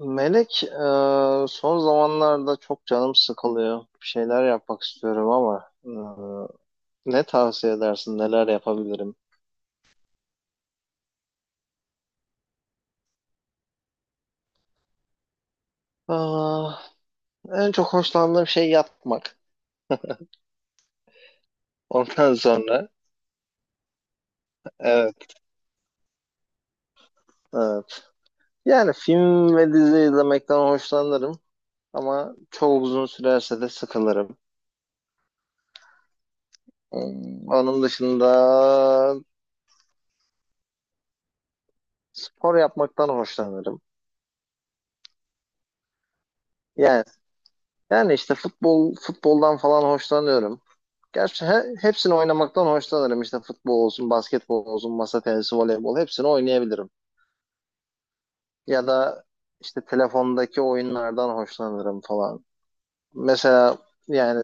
Melek, son zamanlarda çok canım sıkılıyor. Bir şeyler yapmak istiyorum, ama ne tavsiye edersin, neler yapabilirim? Aa, en çok hoşlandığım şey yatmak. Ondan sonra, evet, evet. Yani film ve dizi izlemekten hoşlanırım, ama çok uzun sürerse de sıkılırım. Onun dışında spor yapmaktan hoşlanırım. Yani yani işte futboldan falan hoşlanıyorum. Gerçi hepsini oynamaktan hoşlanırım. İşte futbol olsun, basketbol olsun, masa tenisi, voleybol, hepsini oynayabilirim. Ya da işte telefondaki oyunlardan hoşlanırım falan. Mesela yani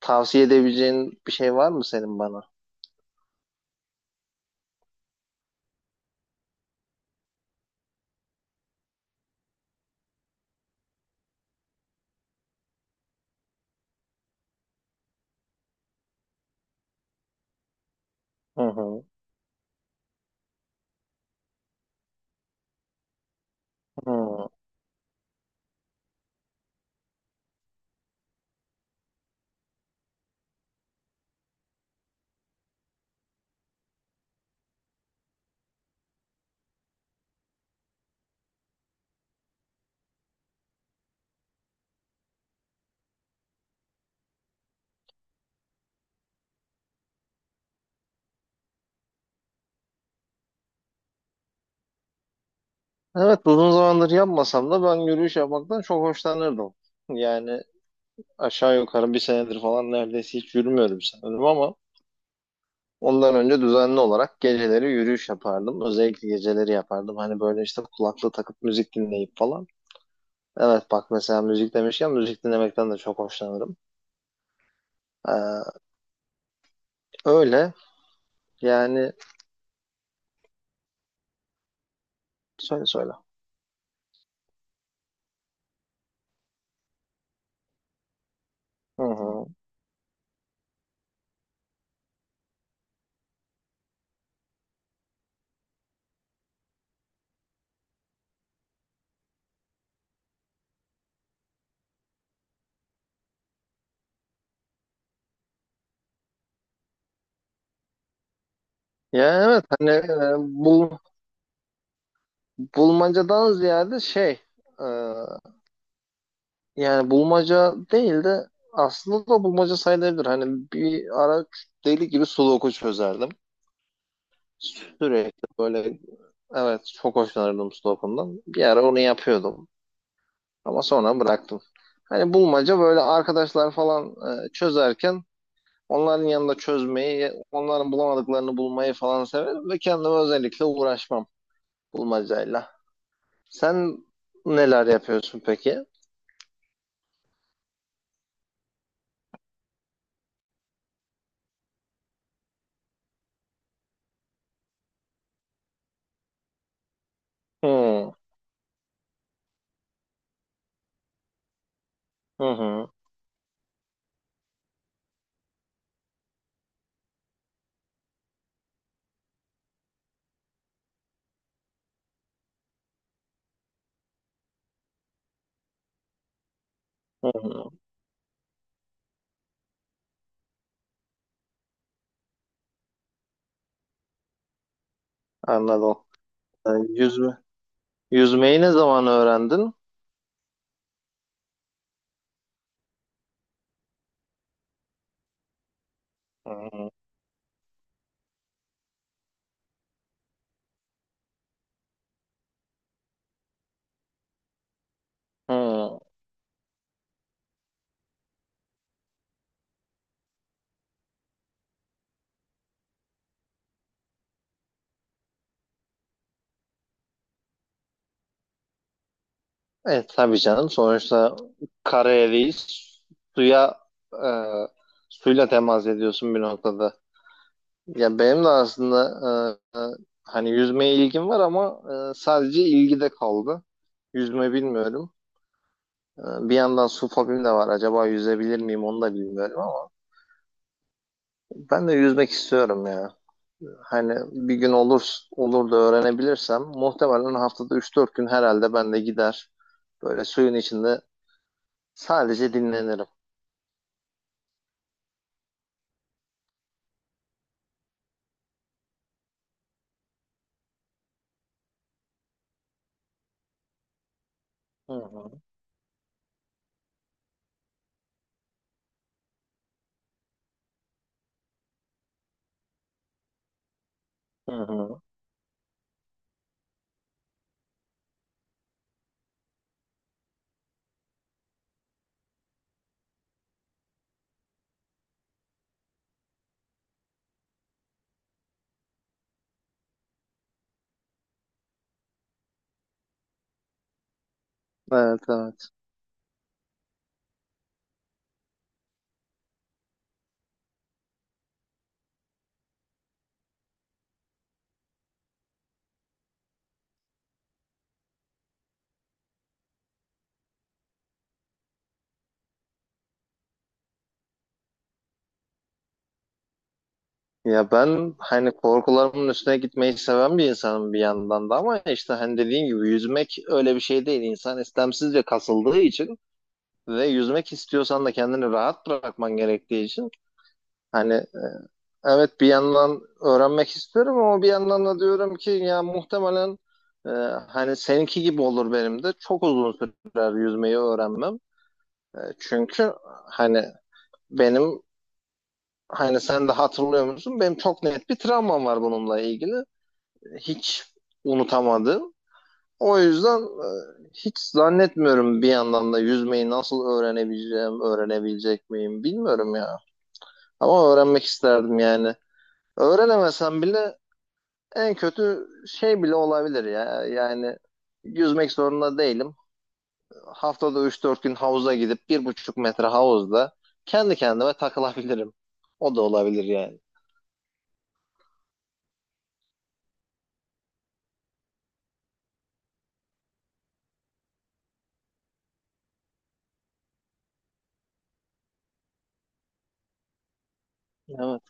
tavsiye edebileceğin bir şey var mı senin bana? Hı hı. Hı. Evet, uzun zamandır yapmasam da ben yürüyüş yapmaktan çok hoşlanırdım. Yani aşağı yukarı bir senedir falan neredeyse hiç yürümüyorum sanırım, ama ondan önce düzenli olarak geceleri yürüyüş yapardım. Özellikle geceleri yapardım. Hani böyle işte kulaklığı takıp müzik dinleyip falan. Evet, bak mesela müzik demişken müzik dinlemekten de çok hoşlanırım. Ee, öyle yani, söyle söyle. Hı hı. Ya evet, hani bulmacadan ziyade şey, e, yani bulmaca değil de, aslında da bulmaca sayılabilir. Hani bir ara deli gibi sudoku çözerdim. Sürekli böyle. Evet, çok hoşlanırdım Sudoku'ndan. Bir ara onu yapıyordum, ama sonra bıraktım. Hani bulmaca böyle arkadaşlar falan çözerken, onların yanında çözmeyi, onların bulamadıklarını bulmayı falan severim ve kendime özellikle uğraşmam bulmacayla. Sen neler yapıyorsun peki? Hmm, hı hı, hı hı, anladım. E, yüzme, Yüzmeyi ne zaman öğrendin? Hı hı. Hı. Evet tabii canım. Sonuçta karayeliyiz. Suya e, Suyla temas ediyorsun bir noktada. Ya benim de aslında e, e, hani yüzmeye ilgim var, ama sadece ilgi de kaldı. Yüzme bilmiyorum. E, Bir yandan su fobim de var. Acaba yüzebilir miyim onu da bilmiyorum, ama ben de yüzmek istiyorum ya. Hani bir gün olur olur da öğrenebilirsem, muhtemelen haftada üç dört gün herhalde ben de gider. Böyle suyun içinde sadece dinlenirim. Hı hı. Hı hı. Evet evet. Ya ben hani korkularımın üstüne gitmeyi seven bir insanım bir yandan da, ama işte hani dediğim gibi yüzmek öyle bir şey değil. İnsan istemsizce kasıldığı için ve yüzmek istiyorsan da kendini rahat bırakman gerektiği için, hani evet, bir yandan öğrenmek istiyorum, ama bir yandan da diyorum ki ya, muhtemelen e, hani seninki gibi olur, benim de çok uzun sürer yüzmeyi öğrenmem. Çünkü hani benim, hani sen de hatırlıyor musun? Benim çok net bir travmam var bununla ilgili. Hiç unutamadım. O yüzden hiç zannetmiyorum, bir yandan da yüzmeyi nasıl öğrenebileceğim, öğrenebilecek miyim bilmiyorum ya. Ama öğrenmek isterdim yani. Öğrenemesem bile en kötü şey bile olabilir ya. Yani yüzmek zorunda değilim. Haftada üç dört gün havuza gidip 1,5 metre havuzda kendi kendime takılabilirim. O da olabilir yani. Evet.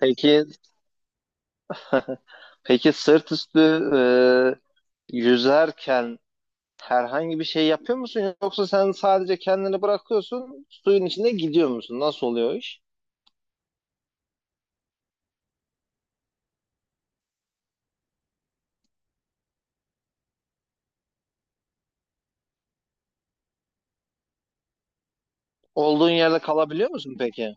Peki. Peki, sırt üstü yüzerken herhangi bir şey yapıyor musun, yoksa sen sadece kendini bırakıyorsun, suyun içinde gidiyor musun? Nasıl oluyor o iş? Olduğun yerde kalabiliyor musun peki?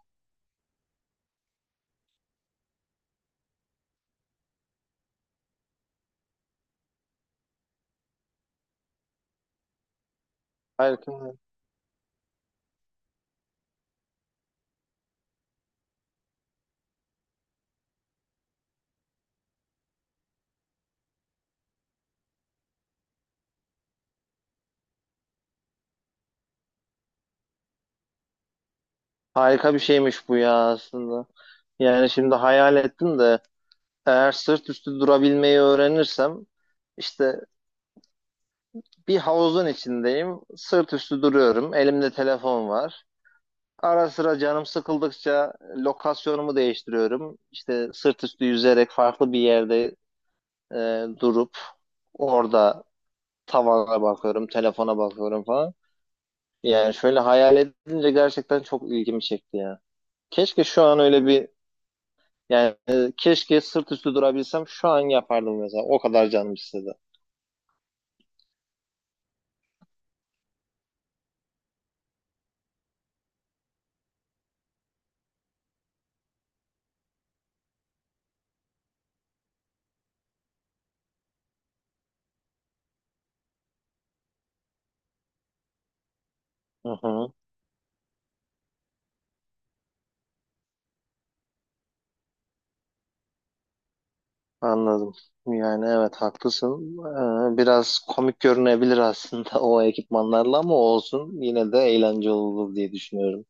Harika. Harika bir şeymiş bu ya aslında. Yani şimdi hayal ettim de, eğer sırt üstü durabilmeyi öğrenirsem, işte bir havuzun içindeyim, sırt üstü duruyorum, elimde telefon var. Ara sıra canım sıkıldıkça lokasyonumu değiştiriyorum. İşte sırt üstü yüzerek farklı bir yerde durup orada tavana bakıyorum, telefona bakıyorum falan. Yani şöyle hayal edince gerçekten çok ilgimi çekti ya. Keşke şu an öyle bir yani e, keşke sırt üstü durabilsem şu an yapardım mesela. O kadar canım istedi. Hı hı. Anladım. Yani evet, haklısın. Biraz komik görünebilir aslında, o ekipmanlarla, ama olsun, yine de eğlence olur diye düşünüyorum.